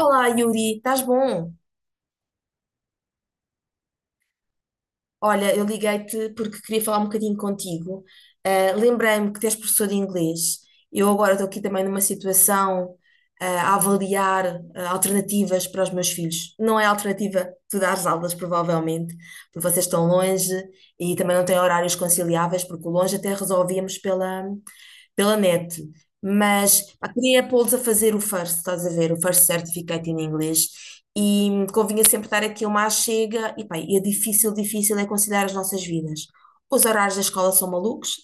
Olá, Yuri, estás bom? Olha, eu liguei-te porque queria falar um bocadinho contigo. Lembrei-me que tens professor de inglês. Eu agora estou aqui também numa situação, a avaliar, alternativas para os meus filhos. Não é alternativa tu dares aulas, provavelmente, porque vocês estão longe e também não têm horários conciliáveis, porque o longe até resolvíamos pela, pela net, mas pá, queria pô-los a fazer o first, estás a ver, o first certificate em inglês, e convinha sempre dar aqui uma chega, e pá, e é difícil, difícil é conciliar as nossas vidas. Os horários da escola são malucos,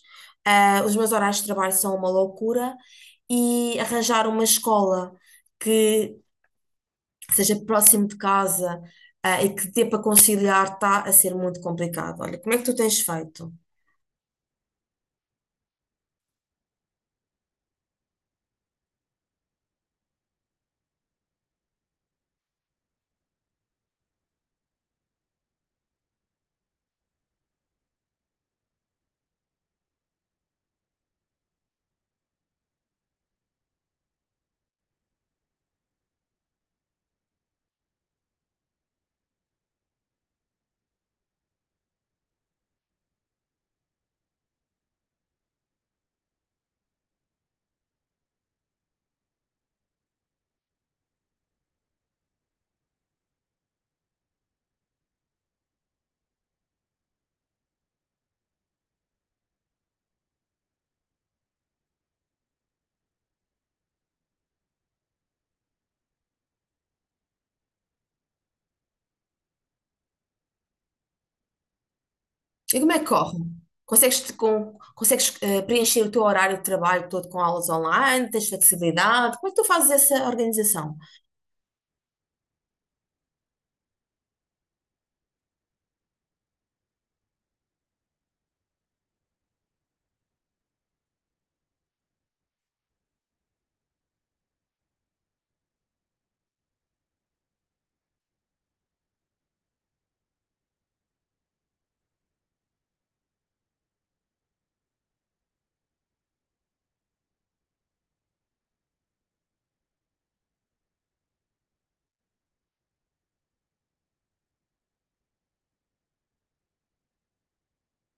os meus horários de trabalho são uma loucura, e arranjar uma escola que seja próximo de casa, e que dê para conciliar está a ser muito complicado. Olha, como é que tu tens feito? E como é que corre? Consegues preencher o teu horário de trabalho todo com aulas online? Tens flexibilidade? Como é que tu fazes essa organização?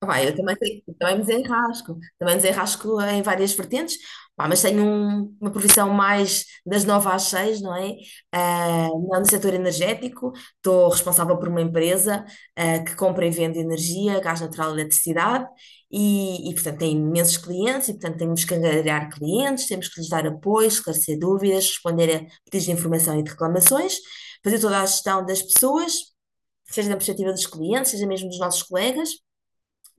Pá, eu também, eu também me desenrasco em várias vertentes, pá, mas tenho uma profissão mais das nove às seis, não é? Ah, no setor energético, estou responsável por uma empresa, que compra e vende energia, gás natural e eletricidade, e, portanto tem imensos clientes, e portanto temos que angariar clientes, temos que lhes dar apoio, esclarecer dúvidas, responder a pedidos de informação e de reclamações, fazer toda a gestão das pessoas, seja na perspectiva dos clientes, seja mesmo dos nossos colegas.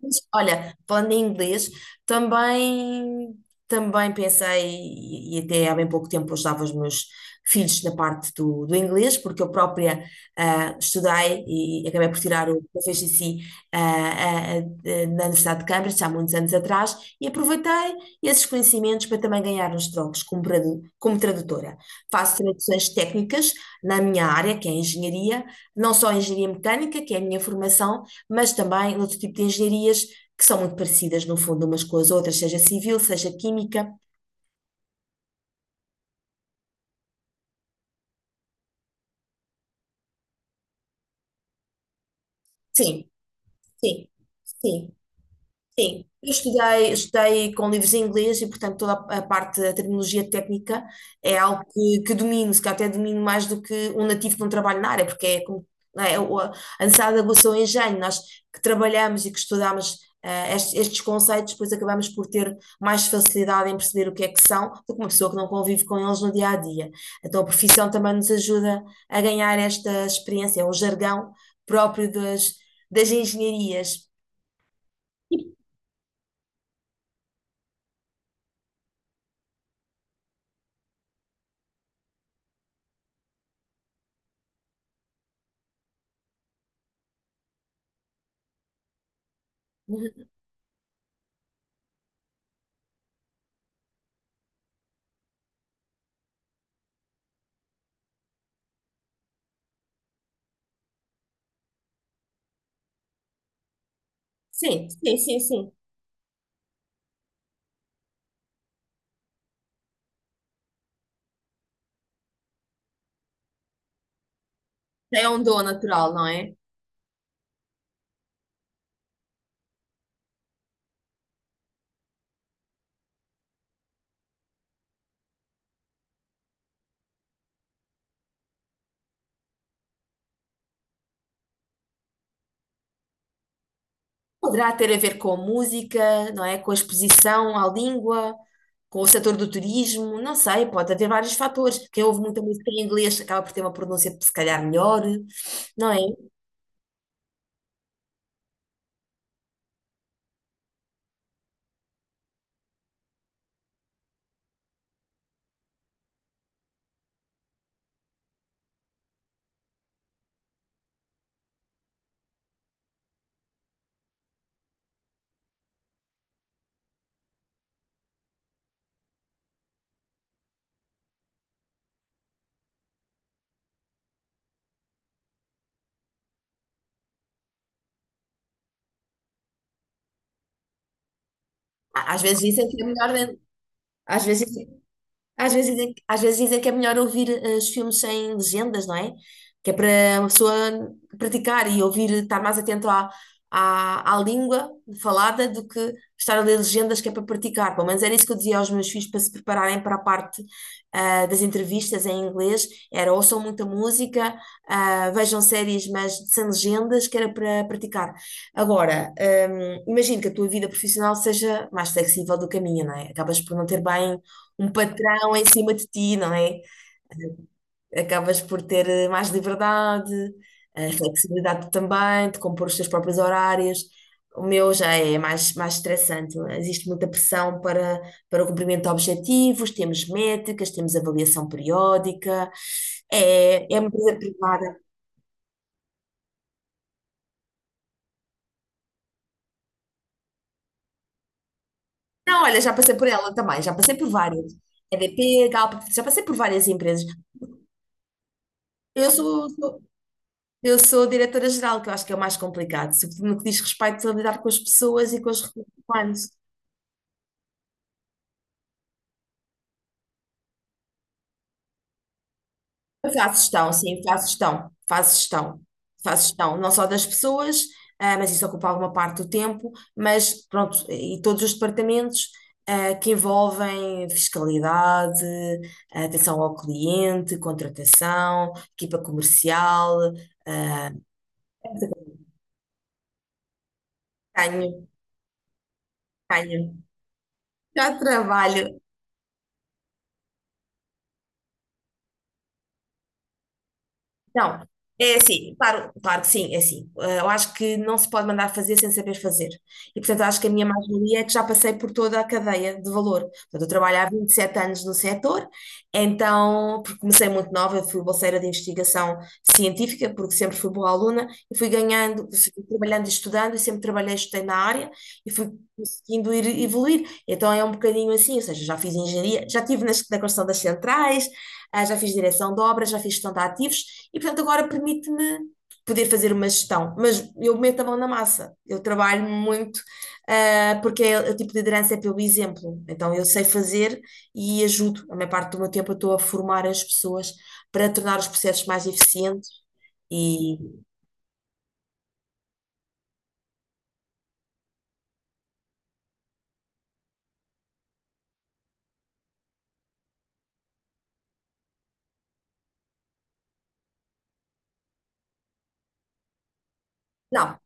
Mas, olha, falando em inglês, também, também pensei, e até há bem pouco tempo ajudava os meus filhos na parte do, do inglês, porque eu própria estudei e acabei por tirar o proficiency na Universidade de Cambridge há muitos anos atrás e aproveitei esses conhecimentos para também ganhar uns trocos como, como tradutora. Faço traduções técnicas na minha área, que é a engenharia, não só a engenharia mecânica, que é a minha formação, mas também outro tipo de engenharias que são muito parecidas, no fundo, umas com as outras, seja civil, seja química. Sim, sim, sim. Sim, eu estudei, estudei com livros em inglês e, portanto, toda a parte da terminologia técnica é algo que domino, se calhar até domino mais do que um nativo que não trabalha na área, porque é como não é, a necessidade de aguçou o engenho. Nós que trabalhamos e que estudamos estes conceitos, depois acabamos por ter mais facilidade em perceber o que é que são do que uma pessoa que não convive com eles no dia a dia. Então, a profissão também nos ajuda a ganhar esta experiência, o jargão próprio das, das engenharias. Sim, sim, sim, sim. Já é um dom natural, não é? Poderá ter a ver com a música, não é? Com a exposição à língua, com o setor do turismo, não sei, pode haver vários fatores. Quem ouve muita música em inglês acaba por ter uma pronúncia, se calhar, melhor, não é? Às vezes dizem que é melhor, né? Às vezes às vezes dizem, às vezes dizem que é melhor ouvir os filmes sem legendas, não é? Que é para uma pessoa praticar e ouvir, estar mais atento à, à, à língua falada do que estar a ler legendas que é para praticar. Pelo menos era isso que eu dizia aos meus filhos para se prepararem para a parte das entrevistas em inglês. Era ouçam muita música, vejam séries, mas sem legendas, que era para praticar. Agora, imagino que a tua vida profissional seja mais flexível do que a minha, não é? Acabas por não ter bem um patrão em cima de ti, não é? Acabas por ter mais liberdade, flexibilidade também, de compor os teus próprios horários. O meu já é mais, mais estressante. Existe muita pressão para, para o cumprimento de objetivos, temos métricas, temos avaliação periódica. É, é uma empresa privada. Não, olha, já passei por ela também, já passei por várias. EDP, Galp, já passei por várias empresas. Eu sou, sou- Eu sou diretora geral, que eu acho que é o mais complicado, sobretudo no que diz respeito a lidar com as pessoas e com os recursos humanos. Eu faço gestão, sim, faço gestão, não só das pessoas, mas isso ocupa alguma parte do tempo, mas pronto, e todos os departamentos que envolvem fiscalidade, atenção ao cliente, contratação, equipa comercial. Tenho, tenho. Já trabalho, não, é assim, claro, claro que sim, é assim. Eu acho que não se pode mandar fazer sem saber fazer. E, portanto, acho que a minha mais-valia é que já passei por toda a cadeia de valor. Portanto, eu trabalho há 27 anos no setor, então, porque comecei muito nova, eu fui bolseira de investigação científica, porque sempre fui boa aluna, e fui ganhando, fui trabalhando e estudando, e sempre trabalhei, e estudei na área, e fui conseguindo ir evoluir. Então, é um bocadinho assim, ou seja, já fiz engenharia, já estive na, na construção das centrais, já fiz direção de obras, já fiz gestão de ativos, e portanto agora permite-me poder fazer uma gestão, mas eu meto a mão na massa, eu trabalho muito, porque é, o tipo de liderança é pelo exemplo, então eu sei fazer e ajudo, a maior parte do meu tempo eu estou a formar as pessoas para tornar os processos mais eficientes e. Não,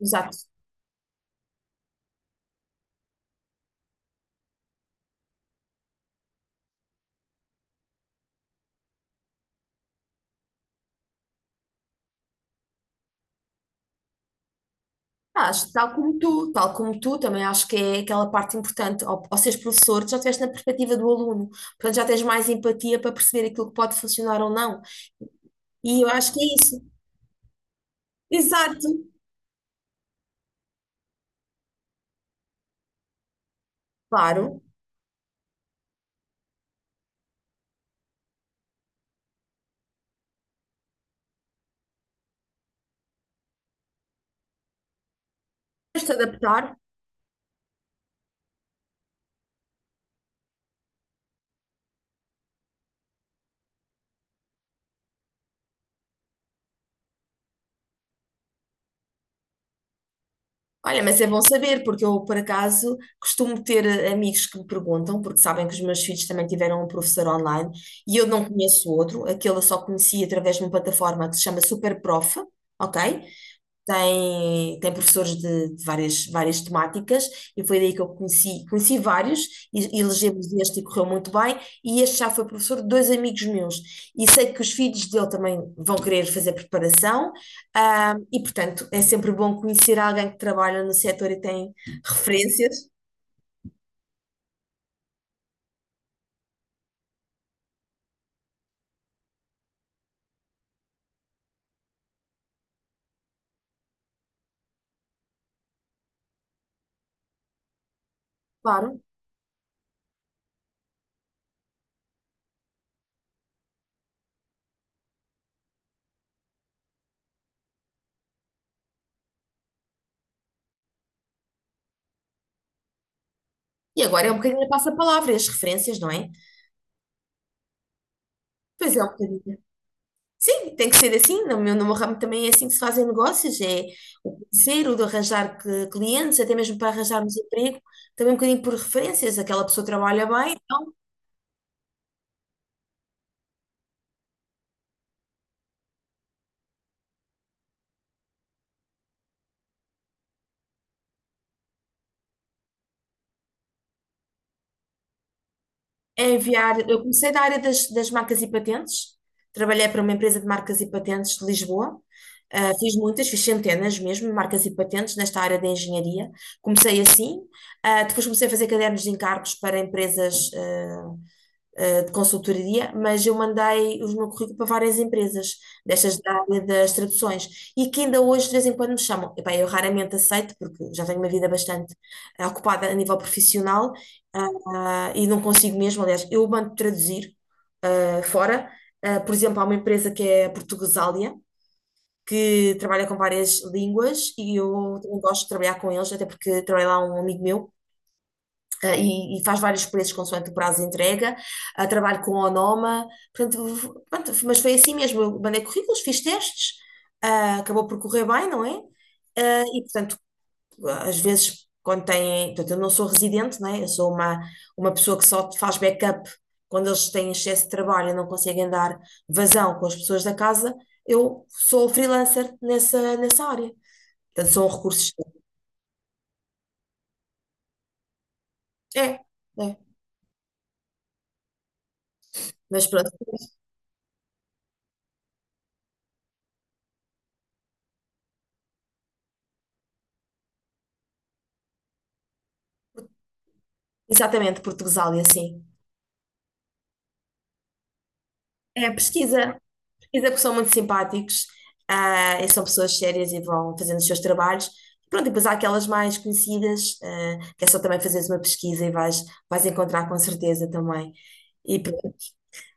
exato. Acho que tal como tu, também acho que é aquela parte importante. Ao seres professor, tu já estiveste na perspectiva do aluno, portanto já tens mais empatia para perceber aquilo que pode funcionar ou não. E eu acho que é isso. Exato. Claro, tens de adaptar. Olha, mas é bom saber, porque eu, por acaso, costumo ter amigos que me perguntam, porque sabem que os meus filhos também tiveram um professor online e eu não conheço outro, aquele eu só conheci através de uma plataforma que se chama Superprof, ok? Tem professores de várias temáticas, e foi daí que eu conheci, vários, e elegemos este e correu muito bem, e este já foi professor de dois amigos meus, e sei que os filhos dele também vão querer fazer preparação, e portanto é sempre bom conhecer alguém que trabalha no setor e tem referências, claro. E agora é um bocadinho a passa-palavra, as referências, não é? Pois é, um bocadinho. Sim, tem que ser assim. No meu ramo também é assim que se fazem negócios, é o parceiro de arranjar clientes, até mesmo para arranjarmos emprego, também um bocadinho por referências, aquela pessoa trabalha bem, então é enviar. Eu comecei da área das marcas e patentes, trabalhei para uma empresa de marcas e patentes de Lisboa. Fiz muitas, fiz centenas mesmo, marcas e patentes nesta área da engenharia. Comecei assim. Depois comecei a fazer cadernos de encargos para empresas, de consultoria, mas eu mandei o meu currículo para várias empresas, destas da área das traduções, e que ainda hoje de vez em quando me chamam. Epá, eu raramente aceito, porque já tenho uma vida bastante ocupada a nível profissional, e não consigo mesmo, aliás, eu mando traduzir fora. Por exemplo, há uma empresa que é a Portuguesália, que trabalha com várias línguas, e eu também gosto de trabalhar com eles, até porque trabalha lá um amigo meu, e faz vários preços consoante o prazo de entrega. Trabalho com Onoma, portanto, pronto, mas foi assim mesmo. Eu mandei currículos, fiz testes, acabou por correr bem, não é? E, portanto, às vezes, quando têm. Portanto, eu não sou residente, não é? Eu sou uma pessoa que só faz backup quando eles têm excesso de trabalho e não conseguem dar vazão com as pessoas da casa. Eu sou freelancer nessa área. Portanto, são recursos. É, é. Mas pronto, exatamente, Portugal e assim. É, pesquisa, pesquisa porque são muito simpáticos, e são pessoas sérias e vão fazendo os seus trabalhos. Pronto, e depois há aquelas mais conhecidas, que é só também fazeres uma pesquisa e vais, vais encontrar com certeza também. E pronto.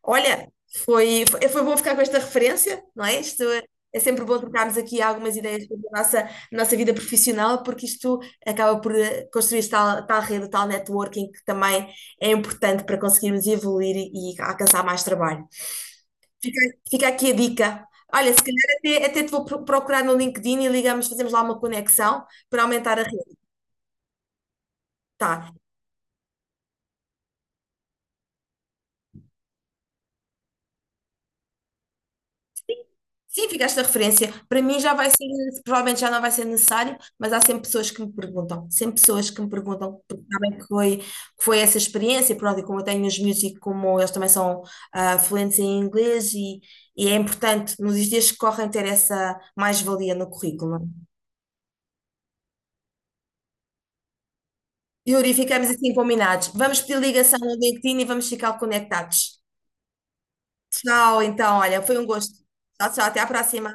Olha, foi bom ficar com esta referência, não é? Isto é é sempre bom trocarmos aqui algumas ideias sobre a nossa vida profissional, porque isto acaba por construir tal, tal rede, tal networking que também é importante para conseguirmos evoluir e alcançar mais trabalho. Fica, fica aqui a dica. Olha, se calhar até te vou procurar no LinkedIn e ligamos, fazemos lá uma conexão para aumentar a rede. Tá. Sim, ficaste a referência. Para mim já vai ser, provavelmente já não vai ser necessário, mas há sempre pessoas que me perguntam. Sempre pessoas que me perguntam, porque sabem que foi essa experiência, pronto, e como eu tenho os miúdos e como eles também são fluentes em inglês e é importante nos dias que correm ter essa mais-valia no currículo. Yuri, ficamos assim combinados. Vamos pedir ligação no LinkedIn e vamos ficar conectados. Tchau, então, olha, foi um gosto. Tchau, tchau, até a próxima.